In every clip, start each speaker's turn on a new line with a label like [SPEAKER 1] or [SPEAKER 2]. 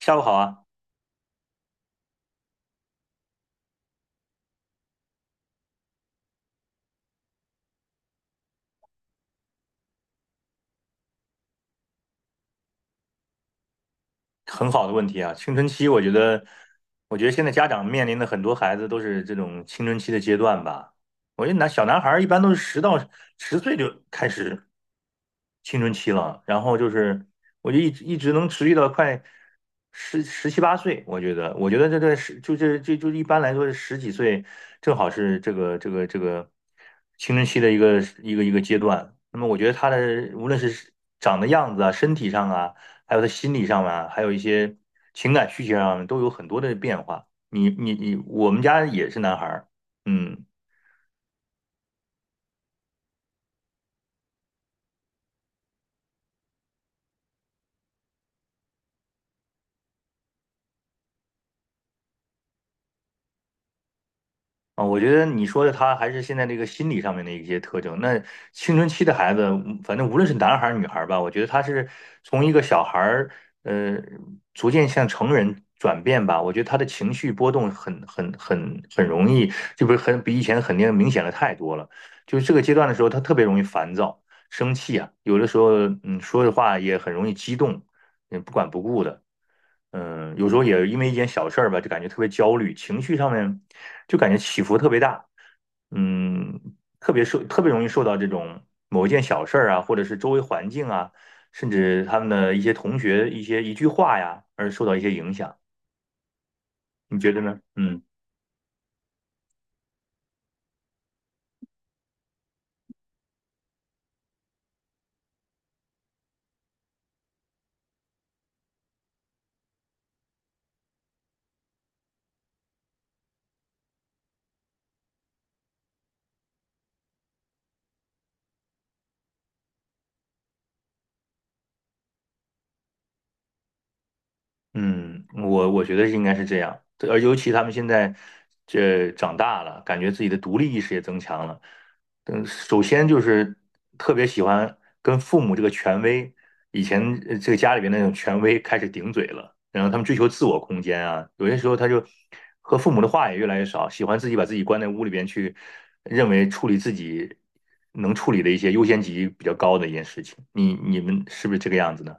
[SPEAKER 1] 下午好啊，很好的问题啊。青春期，我觉得现在家长面临的很多孩子都是这种青春期的阶段吧。我觉得小男孩儿一般都是十到十岁就开始青春期了，然后就是我就一直能持续到快十七八岁。我觉得，我觉得这这十就这就就一般来说是十几岁，正好是这个青春期的一个阶段。那么我觉得他的无论是长的样子啊，身体上啊。还有他心理上面，还有一些情感需求上面都有很多的变化。你你你，我们家也是男孩儿，嗯，啊，我觉得你说的他还是现在这个心理上面的一些特征。那青春期的孩子，反正无论是男孩儿女孩儿吧，我觉得他是从一个小孩儿，呃，逐渐向成人转变吧。我觉得他的情绪波动很容易，就不是很比以前肯定明显的太多了。就是这个阶段的时候，他特别容易烦躁、生气啊，有的时候，说的话也很容易激动，不管不顾的。有时候也因为一件小事儿吧，就感觉特别焦虑，情绪上面就感觉起伏特别大。嗯，特别容易受到这种某一件小事儿啊，或者是周围环境啊，甚至他们的一些同学、一句话呀，而受到一些影响。你觉得呢？嗯。嗯，我觉得应该是这样，对，而尤其他们现在这长大了，感觉自己的独立意识也增强了。首先就是特别喜欢跟父母这个权威，以前这个家里边那种权威开始顶嘴了，然后他们追求自我空间啊，有些时候他就和父母的话也越来越少，喜欢自己把自己关在屋里边去，认为自己能处理的一些优先级比较高的一件事情。你们是不是这个样子呢？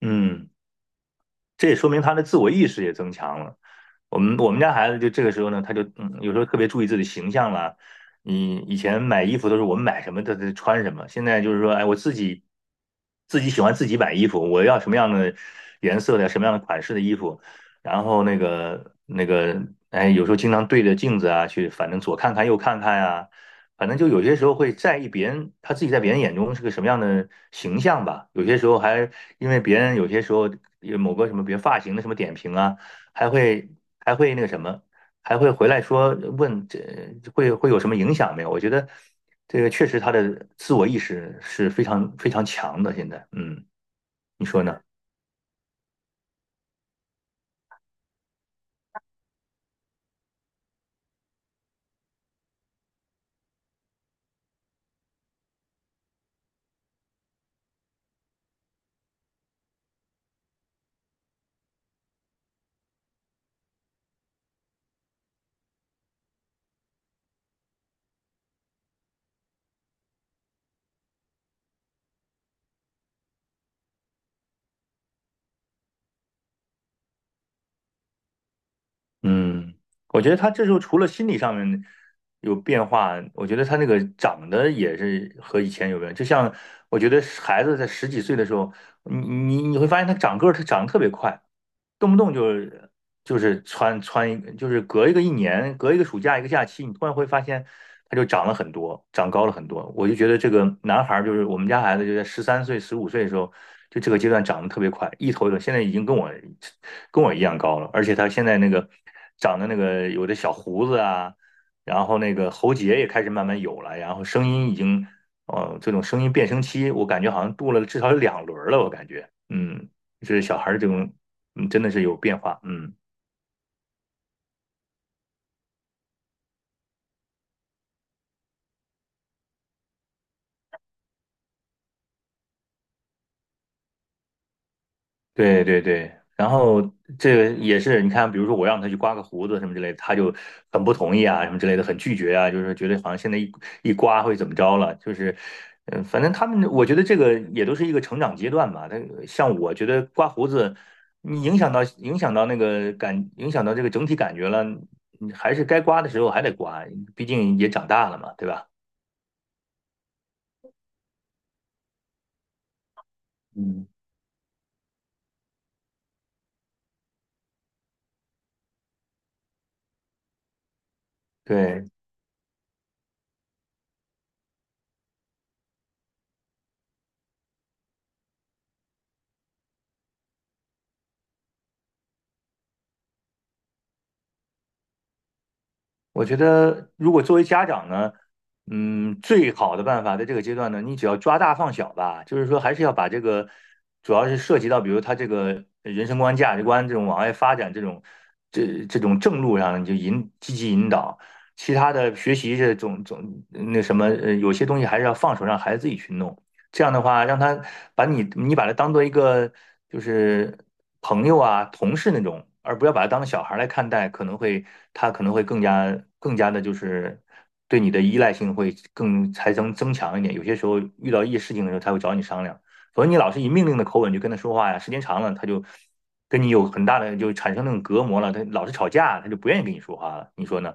[SPEAKER 1] 嗯。这也说明他的自我意识也增强了。我们家孩子就这个时候呢，他就有时候特别注意自己形象啦。你以前买衣服都是我们买什么他穿什么，现在就是说，哎，我自己喜欢自己买衣服，我要什么样的颜色的、什么样的款式的衣服，然后哎，有时候经常对着镜子啊去，反正左看看右看看呀、反正就有些时候会在意别人，他自己在别人眼中是个什么样的形象吧。有些时候还因为别人有些时候有某个什么，比如发型的什么点评啊。还会还会那个什么，还会回来说问这会有什么影响没有？我觉得这个确实他的自我意识是非常非常强的。现在，你说呢？嗯，我觉得他这时候除了心理上面有变化，我觉得他那个长得也是和以前有关。就像我觉得孩子在十几岁的时候，你会发现他长个儿，他长得特别快，动不动就是穿一就是隔一个一年，隔一个暑假一个假期，你突然会发现他就长了很多，长高了很多。我就觉得这个男孩就是我们家孩子，就在十三岁、十五岁的时候，就这个阶段长得特别快，一头一头，现在已经跟我一样高了，而且他现在长的有的小胡子啊，然后那个喉结也开始慢慢有了，然后声音已经，这种声音变声期，我感觉好像度了至少有两轮了，我感觉，就是小孩这种，真的是有变化，嗯。对对对，然后这个也是，你看，比如说我让他去刮个胡子什么之类的，他就很不同意啊，什么之类的，很拒绝啊，就是觉得好像现在一刮会怎么着了，就是，反正他们，我觉得这个也都是一个成长阶段吧。像我觉得刮胡子，你影响到影响到那个感，影响到这个整体感觉了，你还是该刮的时候还得刮，毕竟也长大了嘛，对吧？嗯，对，我觉得，如果作为家长呢，最好的办法在这个阶段呢，你只要抓大放小吧，就是说还是要把这个，主要是涉及到比如他这个人生观、价值观这种往外发展这种这种正路上，你就积极引导，其他的学习这种种那什么，呃，有些东西还是要放手让孩子自己去弄。这样的话，让他把你你把他当做一个就是朋友啊、同事那种，而不要把他当小孩来看待，可能会他可能会更加的，就是对你的依赖性会更才增强一点。有些时候遇到一些事情的时候，他会找你商量。否则你老是以命令的口吻去跟他说话呀，时间长了，他就跟你有很大的就产生那种隔膜了，他老是吵架，他就不愿意跟你说话了。你说呢？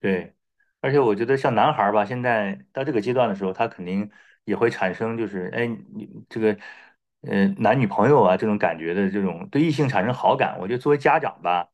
[SPEAKER 1] 对，而且我觉得像男孩儿吧，现在到这个阶段的时候，他肯定也会产生就是，哎，你这个，男女朋友啊这种感觉的这种对异性产生好感。我觉得作为家长吧，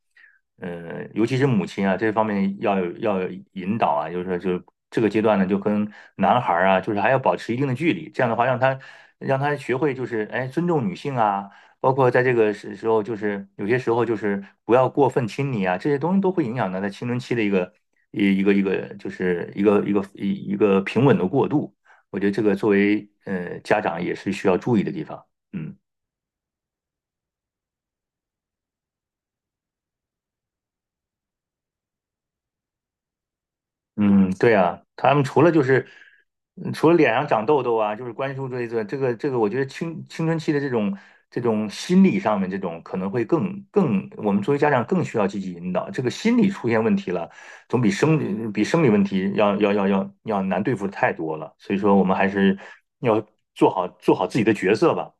[SPEAKER 1] 尤其是母亲啊，这方面要有引导啊，就是说就这个阶段呢，就跟男孩儿啊，就是还要保持一定的距离，这样的话让他学会就是，哎，尊重女性啊。包括在这个时候，就是有些时候就是不要过分亲昵啊，这些东西都会影响到他青春期的一个一一个一个就是一个一个一一个平稳的过渡。我觉得这个作为家长也是需要注意的地方。嗯。嗯，对啊，他们除了除了脸上长痘痘啊，就是关注这一个，我觉得青春期的这种心理上面这种可能会更，我们作为家长更需要积极引导。这个心理出现问题了，总比生理问题要难对付的太多了。所以说，我们还是要做好自己的角色吧。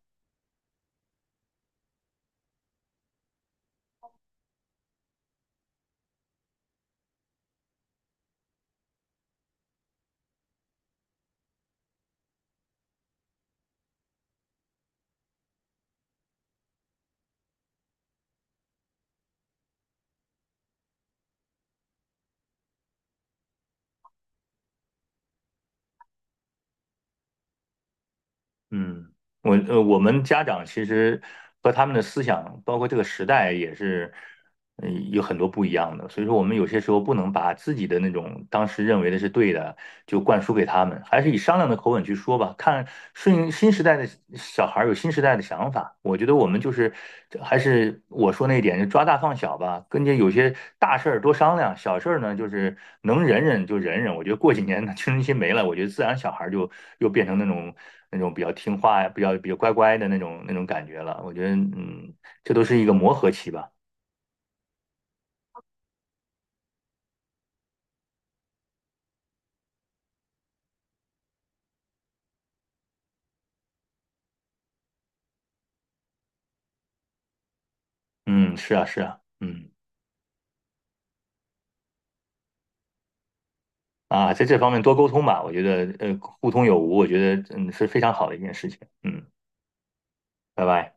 [SPEAKER 1] 嗯。我们家长其实和他们的思想，包括这个时代，也是有很多不一样的，所以说我们有些时候不能把自己的那种当时认为的是对的，就灌输给他们，还是以商量的口吻去说吧。看顺应新时代的小孩儿有新时代的想法，我觉得我们就是还是我说那一点，就抓大放小吧，跟这有些大事儿多商量，小事儿呢就是能忍忍就忍忍。我觉得过几年呢青春期没了，我觉得自然小孩儿就又变成那种比较听话呀，比较乖乖的那种感觉了。我觉得这都是一个磨合期吧。嗯，是啊，是啊，嗯，啊，在这方面多沟通吧，我觉得，互通有无，我觉得，是非常好的一件事情。嗯，拜拜。